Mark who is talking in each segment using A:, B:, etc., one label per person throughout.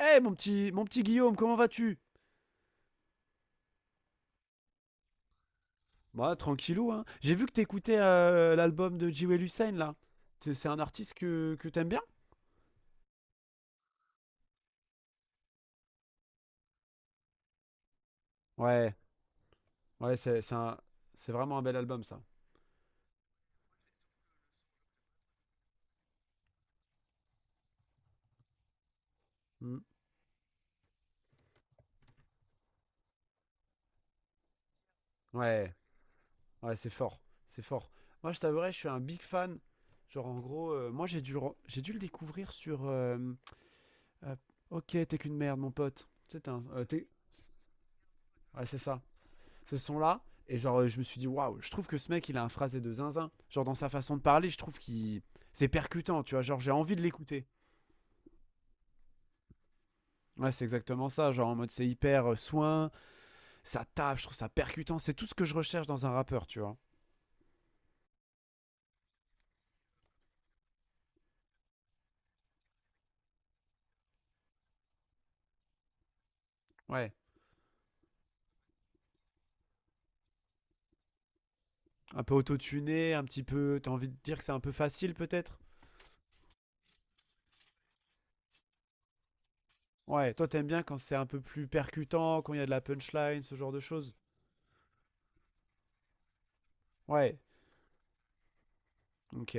A: Eh mon petit Guillaume, comment vas-tu? Bah tranquillou, hein. J'ai vu que t'écoutais l'album de Jewel Hussein là. C'est un artiste que t'aimes bien? Ouais, ouais, c'est vraiment un bel album ça. Hmm. Ouais, ouais, c'est fort, c'est fort. Moi je t'avouerai, je suis un big fan. Genre en gros, moi j'ai dû, j'ai dû le découvrir sur euh, ok, t'es qu'une merde mon pote. C'est un, t'es- Ouais, c'est ça, ce son-là. Et genre, je me suis dit, waouh, je trouve que ce mec, il a un phrasé de zinzin. Genre, dans sa façon de parler, je trouve qu'il. C'est percutant, tu vois. Genre, j'ai envie de l'écouter. Ouais, c'est exactement ça. Genre, en mode, c'est hyper soin, ça tape, je trouve ça percutant. C'est tout ce que je recherche dans un rappeur, tu vois. Ouais. Un peu autotuné, un petit peu. T'as envie de dire que c'est un peu facile, peut-être. Ouais. Toi, t'aimes bien quand c'est un peu plus percutant, quand il y a de la punchline, ce genre de choses? Ouais. Ok.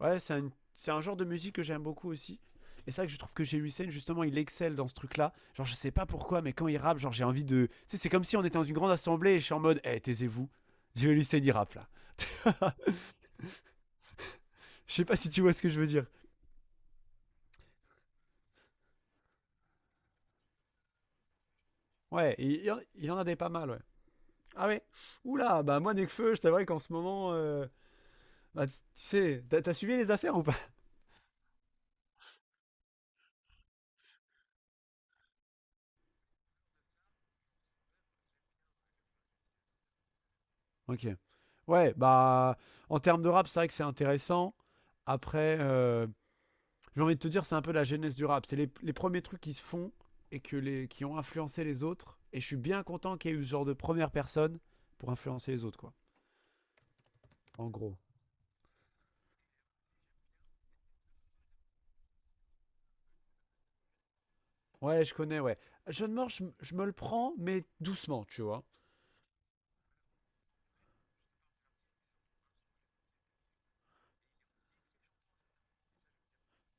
A: Ouais, c'est un genre de musique que j'aime beaucoup aussi. Et c'est vrai que je trouve que chez Lucien, justement, il excelle dans ce truc-là. Genre, je sais pas pourquoi, mais quand il rappe, genre, j'ai envie de. Tu sais, c'est comme si on était dans une grande assemblée et je suis en mode, eh, taisez-vous. Je vais Lucien, il rappe là. Je sais pas si tu vois ce que je veux dire. Ouais, il en a des pas mal, ouais. Ah ouais. Oula, bah moi, Nekfeu, je t'avouerais qu'en ce moment, bah, tu sais, t'as suivi les affaires ou pas? Ok. Ouais, bah, en termes de rap, c'est vrai que c'est intéressant. Après, j'ai envie de te dire, c'est un peu la genèse du rap. C'est les premiers trucs qui se font et que qui ont influencé les autres. Et je suis bien content qu'il y ait eu ce genre de première personne pour influencer les autres, quoi. En gros. Ouais, je connais, ouais. Jeune mort, je me le prends, mais doucement, tu vois.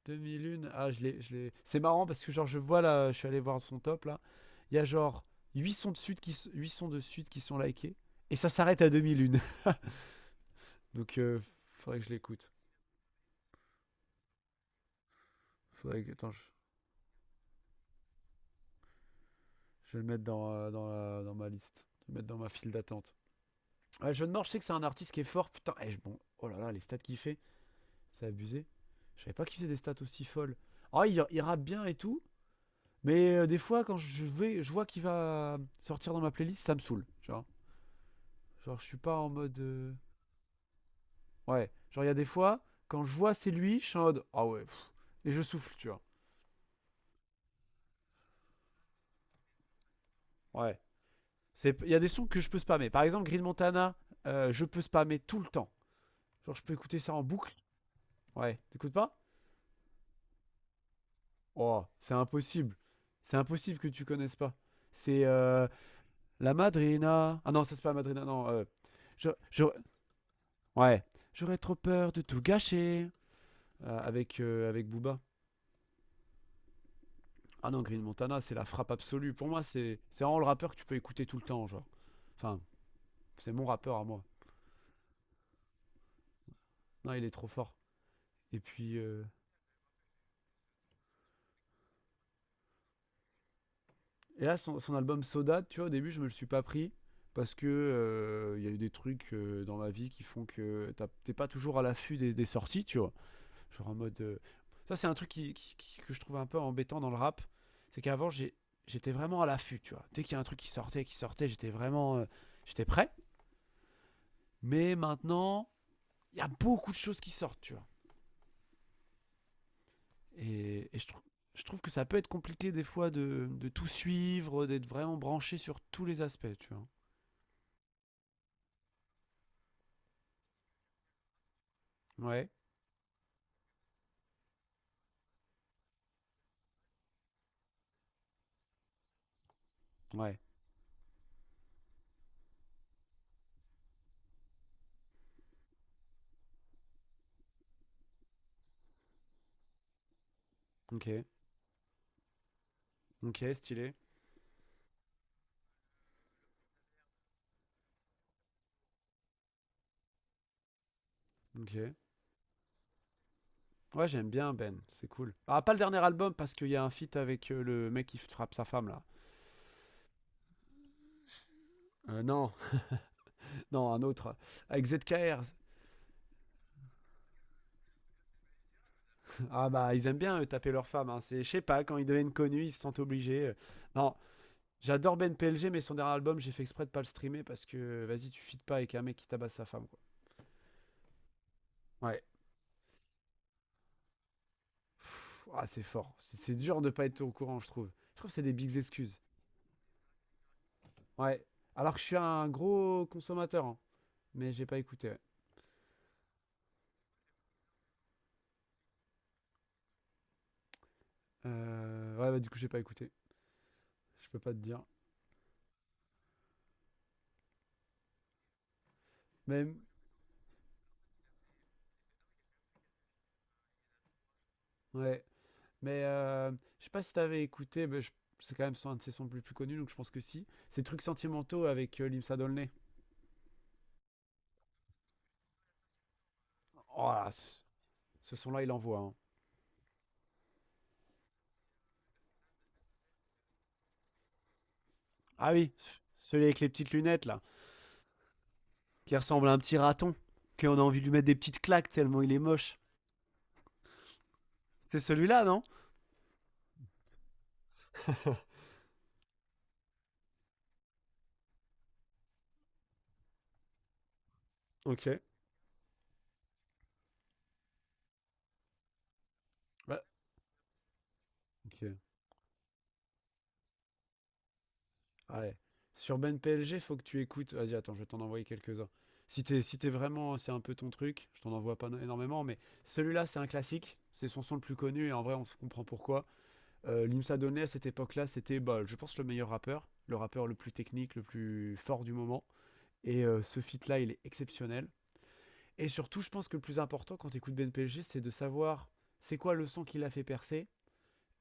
A: 2001, ah, je l'ai, je l'ai. C'est marrant parce que, genre, je vois là, je suis allé voir son top là. Il y a genre huit sons de suite qui sont likés. Et ça s'arrête à 2001. Donc, faudrait que je l'écoute. Faudrait que, attends, je vais le mettre dans ma liste. Je vais le mettre dans ma file d'attente. Ouais, John Morge, je sais que c'est un artiste qui est fort. Putain, eh, bon, oh là là, les stats qu'il fait, c'est abusé. Je savais pas qu'il faisait des stats aussi folles. Ah, il rappe bien et tout, mais des fois, quand je vois qu'il va sortir dans ma playlist, ça me saoule, tu vois. Genre, je suis pas en mode. Ouais, genre, il y a des fois, quand je vois c'est lui, je suis en mode. Ah ouais, pff, et je souffle, tu vois. Ouais. Il y a des sons que je peux spammer. Par exemple, Green Montana, je peux spammer tout le temps. Genre, je peux écouter ça en boucle. Ouais, t'écoutes pas. Oh, c'est impossible. C'est impossible que tu connaisses pas. C'est La Madrina. Ah non, ça c'est pas la Madrina, non. Je, je- ouais. J'aurais trop peur de tout gâcher avec Booba. Ah non, Green Montana, c'est la frappe absolue. Pour moi, c'est vraiment le rappeur que tu peux écouter tout le temps, genre. Enfin, c'est mon rappeur à moi. Non, il est trop fort. Et puis. Et là, son album Soda, tu vois, au début, je me le suis pas pris. Parce que il y a eu des trucs dans ma vie qui font que t'es pas toujours à l'affût des sorties, tu vois. Genre en mode. Ça, c'est un truc que je trouve un peu embêtant dans le rap. C'est qu'avant, j'étais vraiment à l'affût, tu vois. Dès qu'il y a un truc qui sortait, j'étais vraiment. J'étais prêt. Mais maintenant, il y a beaucoup de choses qui sortent, tu vois. Et je trouve que ça peut être compliqué des fois de tout suivre, d'être vraiment branché sur tous les aspects, tu vois. Ouais, ouais, ok. Ok, stylé. Ok. Ouais, j'aime bien Ben, c'est cool. Ah, pas le dernier album parce qu'il y a un feat avec le mec qui frappe sa femme là. Non, non, un autre. Avec ZKR. Ah bah, ils aiment bien eux, taper leurs femmes, hein. C'est, je sais pas, quand ils deviennent connus, ils se sentent obligés. Non, j'adore Ben PLG, mais son dernier album, j'ai fait exprès de pas le streamer parce que, vas-y, tu fites pas avec un mec qui tabasse sa femme, quoi. Ouais. Pff, ah, c'est fort. C'est dur de pas être au courant, je trouve. Je trouve que c'est des bigs excuses. Ouais. Alors que je suis un gros consommateur, hein. Mais j'ai pas écouté. Ouais. Ouais bah, du coup, j'ai pas écouté. Je peux pas te dire. Même. Ouais. Mais je sais pas si t'avais écouté, c'est quand même un de ses sons les plus connus, donc je pense que si. C'est Trucs sentimentaux avec Limsa Dolné. Oh là, ce son-là, il envoie, hein. Ah oui, celui avec les petites lunettes, là, qui ressemble à un petit raton, qu'on a envie de lui mettre des petites claques tellement il est moche. C'est celui-là, non? Ok. Ouais. Ok. Ouais. Sur Ben PLG faut que tu écoutes. Vas-y, attends, je vais t'en envoyer quelques-uns. Si t'es vraiment, c'est un peu ton truc, je t'en envoie pas énormément, mais celui-là, c'est un classique. C'est son le plus connu, et en vrai, on se comprend pourquoi. Limsa Donnet à cette époque-là, c'était, bah, je pense, le meilleur rappeur le plus technique, le plus fort du moment. Et ce feat-là, il est exceptionnel. Et surtout, je pense que le plus important quand tu écoutes BNPLG, c'est de savoir c'est quoi le son qui l'a fait percer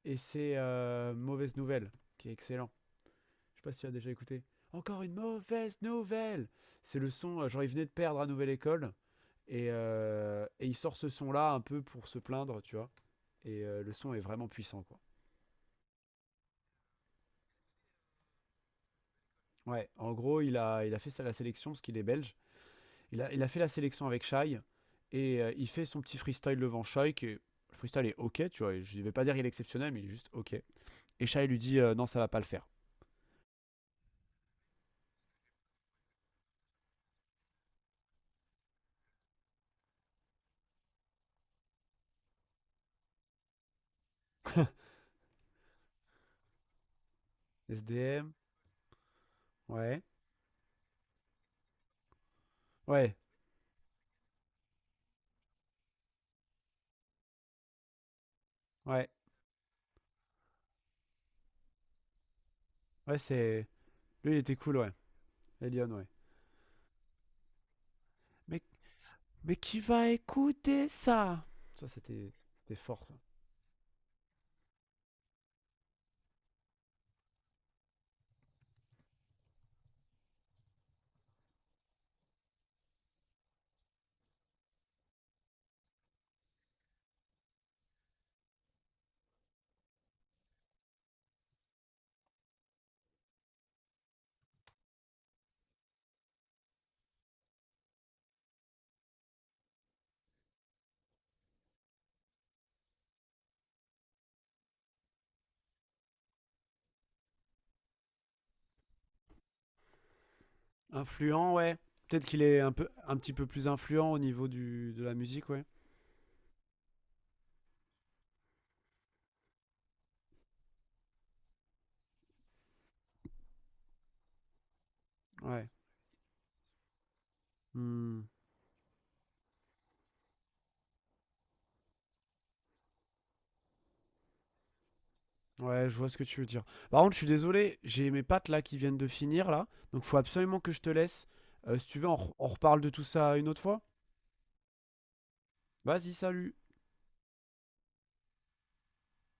A: et c'est Mauvaise Nouvelle, qui est excellent. Je sais pas si tu as déjà écouté. Encore une mauvaise nouvelle. C'est le son, genre il venait de perdre à Nouvelle École et il sort ce son-là un peu pour se plaindre, tu vois. Et le son est vraiment puissant, quoi. Ouais, en gros, il a fait ça à la sélection parce qu'il est belge. Il a fait la sélection avec Shai et il fait son petit freestyle devant Shai qui est- le freestyle est ok, tu vois. Je vais pas dire qu'il est exceptionnel, mais il est juste ok. Et Shai lui dit non, ça va pas le faire. SDM, ouais, ouais, ouais, ouais, c'est. Lui, il était cool, ouais. Elion, ouais. Mais, mais qui va écouter ça? Ça, c'était fort, ça. Influent, ouais. Peut-être qu'il est un petit peu plus influent au niveau de la musique, ouais. Ouais. Hmm. Ouais, je vois ce que tu veux dire. Par contre, je suis désolé, j'ai mes pattes là qui viennent de finir là, donc faut absolument que je te laisse. Si tu veux, on reparle de tout ça une autre fois. Vas-y, salut.